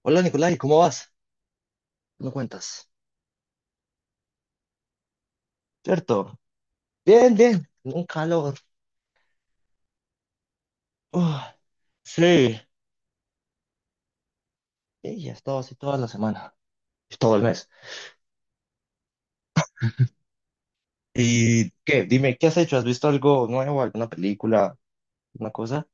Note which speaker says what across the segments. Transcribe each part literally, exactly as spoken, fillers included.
Speaker 1: Hola Nicolai, ¿cómo vas? ¿No cuentas? ¿Cierto? Bien, bien. Un calor. Uf, sí. Y ya estado así toda la semana. Todo el mes. ¿Y qué? Dime, ¿qué has hecho? ¿Has visto algo nuevo? ¿Alguna película? ¿Una cosa?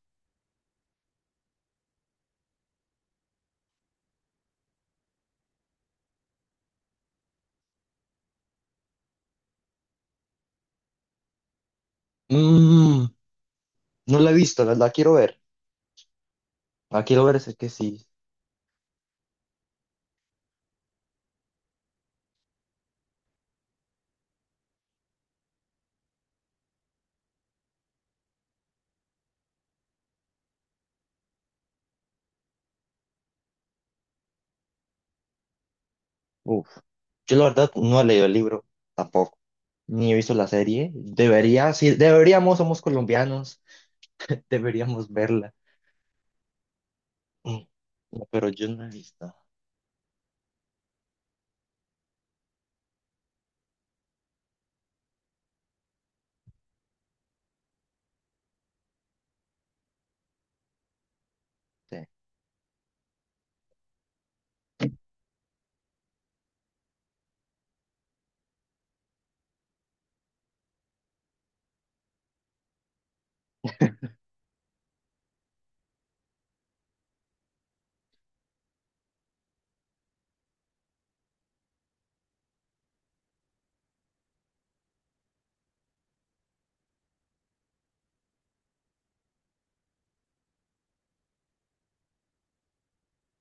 Speaker 1: Mm, no la he visto, la, la quiero ver. La quiero ver, es que sí. Uf. Yo la verdad no he leído el libro tampoco. Ni he visto la serie. Debería, sí, deberíamos, somos colombianos. Deberíamos verla. Mm, no, pero yo no he visto. Sí.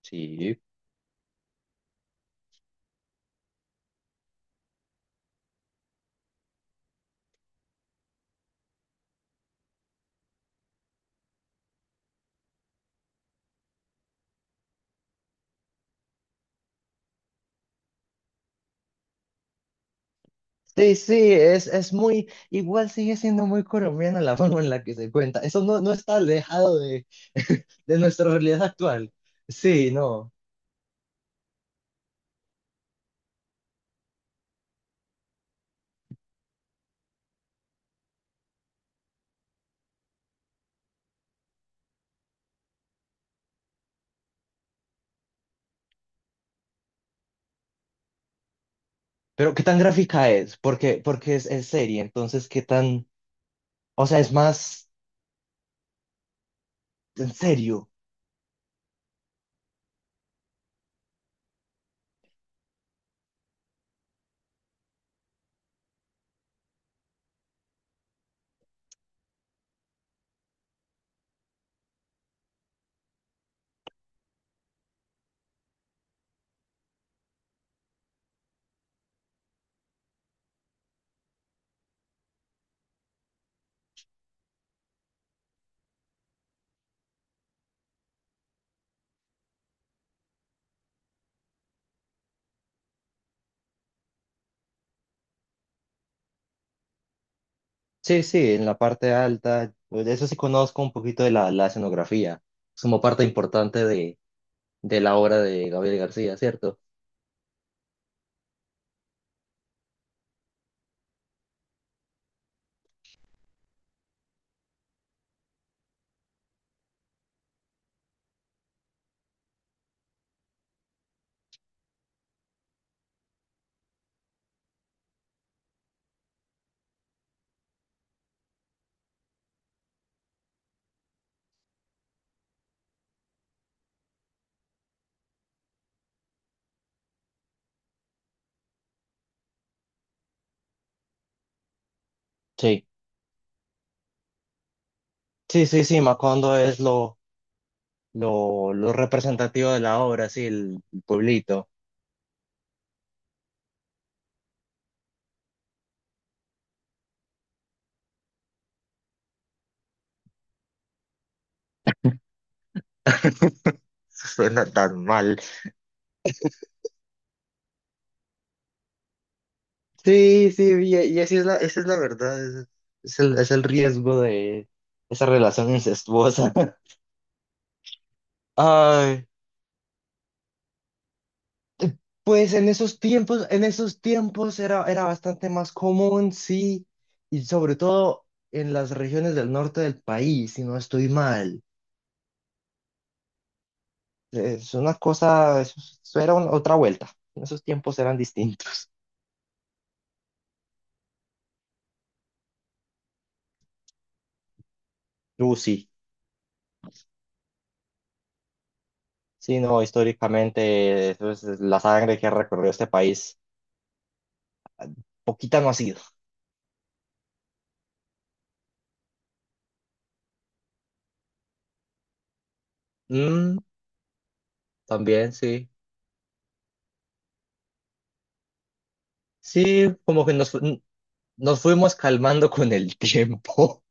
Speaker 1: Sí. Sí, sí, es, es muy, igual sigue siendo muy colombiana la forma en la que se cuenta. Eso no, no está alejado de, de nuestra realidad actual. Sí, no. Pero ¿qué tan gráfica es? Porque, porque es, es serie, entonces ¿qué tan, o sea, es más en serio? Sí, sí, en la parte alta, pues, de eso sí conozco un poquito de la, la escenografía, es como parte importante de, de la obra de Gabriel García, ¿cierto? Sí, sí, sí, sí, Macondo es lo... lo, lo representativo de la obra, sí, el, el pueblito. Suena tan mal. Sí, sí, y, y así es la, esa es la verdad, es, es el, es el riesgo de esa relación incestuosa. Ay, pues en esos tiempos, en esos tiempos era, era bastante más común, sí, y sobre todo en las regiones del norte del país, si no estoy mal. Es una cosa, eso, eso era una- otra vuelta. En esos tiempos eran distintos. Uh, sí. Sí, no, históricamente eso es la sangre que ha recorrido este país. Poquita no ha sido. Mm, también, sí. Sí, como que nos, fu- nos fuimos calmando con el tiempo.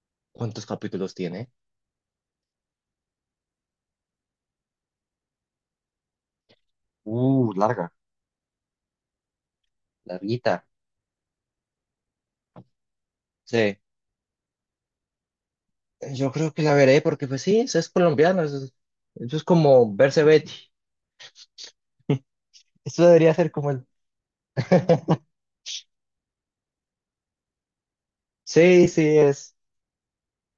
Speaker 1: ¿Cuántos capítulos tiene? Uh, larga, larguita. Sí, yo creo que la veré porque pues sí, eso es colombiano, eso es, eso es como verse Betty. Eso debería ser como el... Sí, sí, es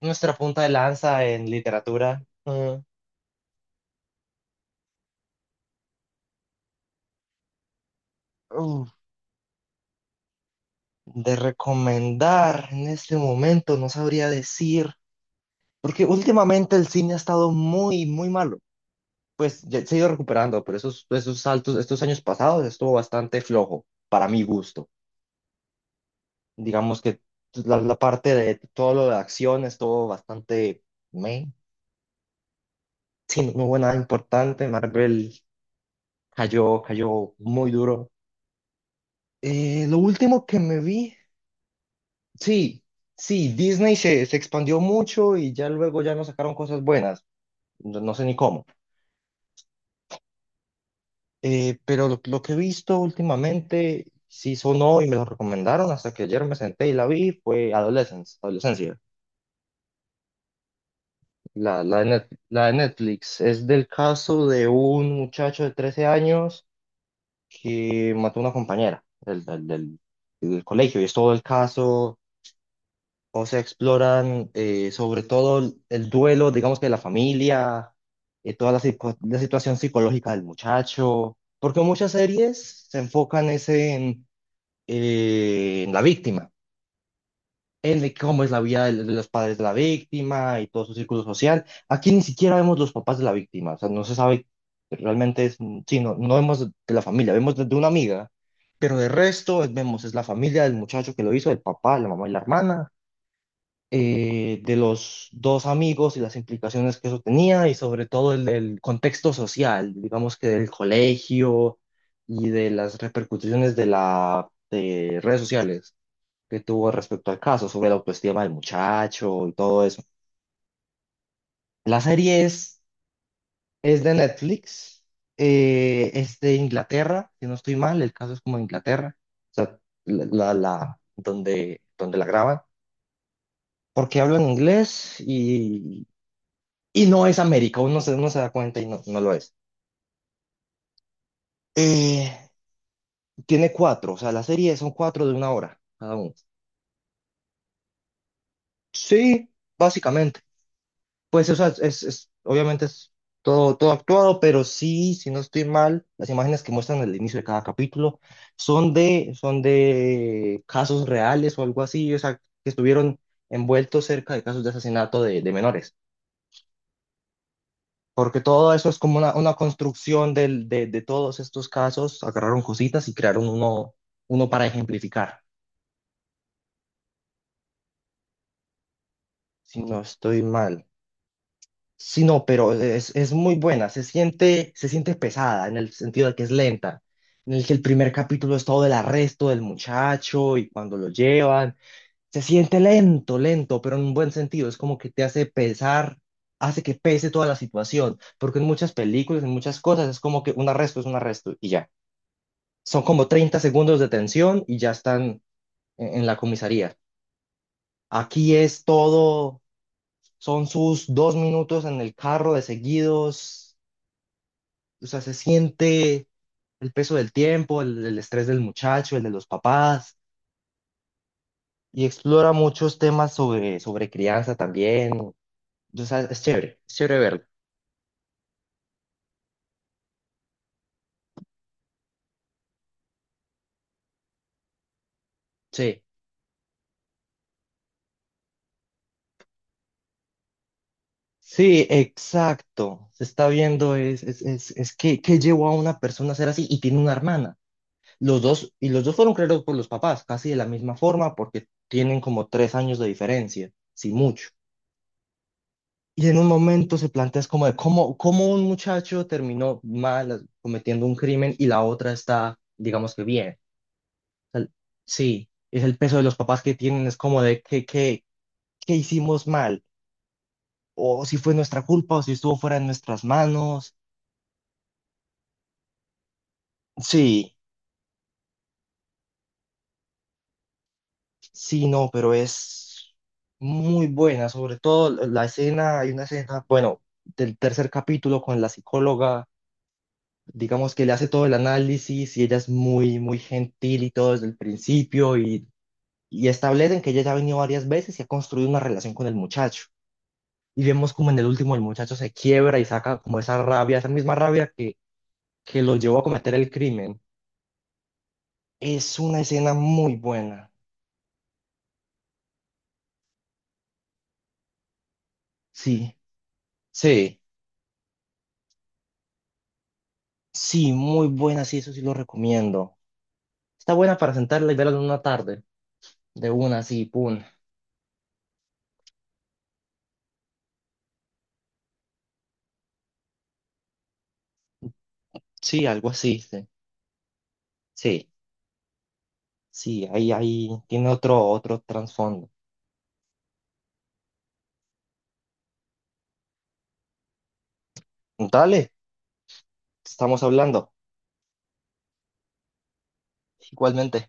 Speaker 1: nuestra punta de lanza en literatura. Mm. De recomendar en este momento, no sabría decir, porque últimamente el cine ha estado muy, muy malo. Pues ya se ha ido recuperando, pero esos, esos saltos, estos años pasados estuvo bastante flojo, para mi gusto. Digamos que la, la parte de todo lo de acción estuvo bastante meh. Sí, no hubo nada importante. Marvel cayó, cayó muy duro. Eh, lo último que me vi, sí. Sí, Disney se, se expandió mucho y ya luego ya no sacaron cosas buenas. No no sé ni cómo. Eh, pero lo, lo que he visto últimamente, sí sonó y me lo recomendaron hasta que ayer me senté y la vi, fue Adolescence, Adolescencia, la, la, de Net- la de Netflix. Es del caso de un muchacho de trece años que mató a una compañera del, del, del- del colegio y es todo el caso. O sea, exploran eh, sobre todo el el duelo, digamos que de la familia, eh, toda la, psico- la situación psicológica del muchacho, porque muchas series se enfocan ese en, eh, en la víctima, en de cómo es la vida de de los padres de la víctima y todo su círculo social. Aquí ni siquiera vemos los papás de la víctima, o sea, no se sabe realmente, es, sí, no, no vemos de la familia, vemos de de una amiga, pero de resto eh, vemos es la familia del muchacho que lo hizo, el papá, la mamá y la hermana eh, de los dos amigos y las implicaciones que eso tenía y sobre todo el, el contexto social, digamos que del colegio y de las repercusiones de la de redes sociales que tuvo respecto al caso, sobre la autoestima del muchacho y todo eso. La serie es, es de Netflix, eh, es de Inglaterra, si no estoy mal, el caso es como de Inglaterra, o sea, la, la, la- donde, donde la graban, porque hablan inglés. y Y no es América, uno se, uno se da cuenta y no, no lo es. Eh, Tiene cuatro, o sea, la serie son cuatro de una hora cada uno. Sí, básicamente. Pues, o sea, es, es- obviamente es todo, todo actuado, pero sí, si no estoy mal, las imágenes que muestran al inicio de cada capítulo son de, son de casos reales o algo así, o sea, que estuvieron envueltos cerca de casos de asesinato de de menores. Porque todo eso es como una, una construcción del- de, de todos estos casos, agarraron cositas y crearon uno, uno para ejemplificar, si no estoy mal. Sí, no, pero es, es muy buena, se siente, se siente pesada en el sentido de que es lenta, en el que el primer capítulo es todo el arresto del muchacho y cuando lo llevan, se siente lento, lento, pero en un buen sentido, es como que te hace pesar, hace que pese toda la situación, porque en muchas películas, en muchas cosas, es como que un arresto es un arresto y ya. Son como treinta segundos de tensión y ya están en, en la comisaría. Aquí es todo, son sus dos minutos en el carro de seguidos, o sea, se siente el peso del tiempo, el, el estrés del muchacho, el de los papás, y explora muchos temas sobre, sobre crianza también. O sea, es chévere, es chévere verlo. Sí. Sí, exacto. Se está viendo, es, es, es, es que, que llevó a una persona a ser así y tiene una hermana. Los dos, y los dos fueron creados por los papás, casi de la misma forma, porque tienen como tres años de diferencia, si mucho. Y en un momento se plantea es como de cómo, cómo un muchacho terminó mal cometiendo un crimen y la otra está, digamos que bien. O sea, sí, es el peso de los papás que tienen, es como de qué, qué, qué hicimos mal, o si fue nuestra culpa, o si estuvo fuera de nuestras manos. Sí. Sí, no, pero es muy buena, sobre todo la escena, hay una escena, bueno, del tercer capítulo con la psicóloga, digamos que le hace todo el análisis y ella es muy, muy gentil y todo desde el principio y, y establecen que ella ya ha venido varias veces y ha construido una relación con el muchacho. Y vemos como en el último el muchacho se quiebra y saca como esa rabia, esa misma rabia que, que lo llevó a cometer el crimen. Es una escena muy buena, sí, sí, sí, muy buena, sí, eso sí lo recomiendo. Está buena para sentarla y verla en una tarde, de una así, pum. Sí, algo así, sí. Sí, sí, ahí, ahí tiene otro, otro trasfondo. Dale, estamos hablando. Igualmente.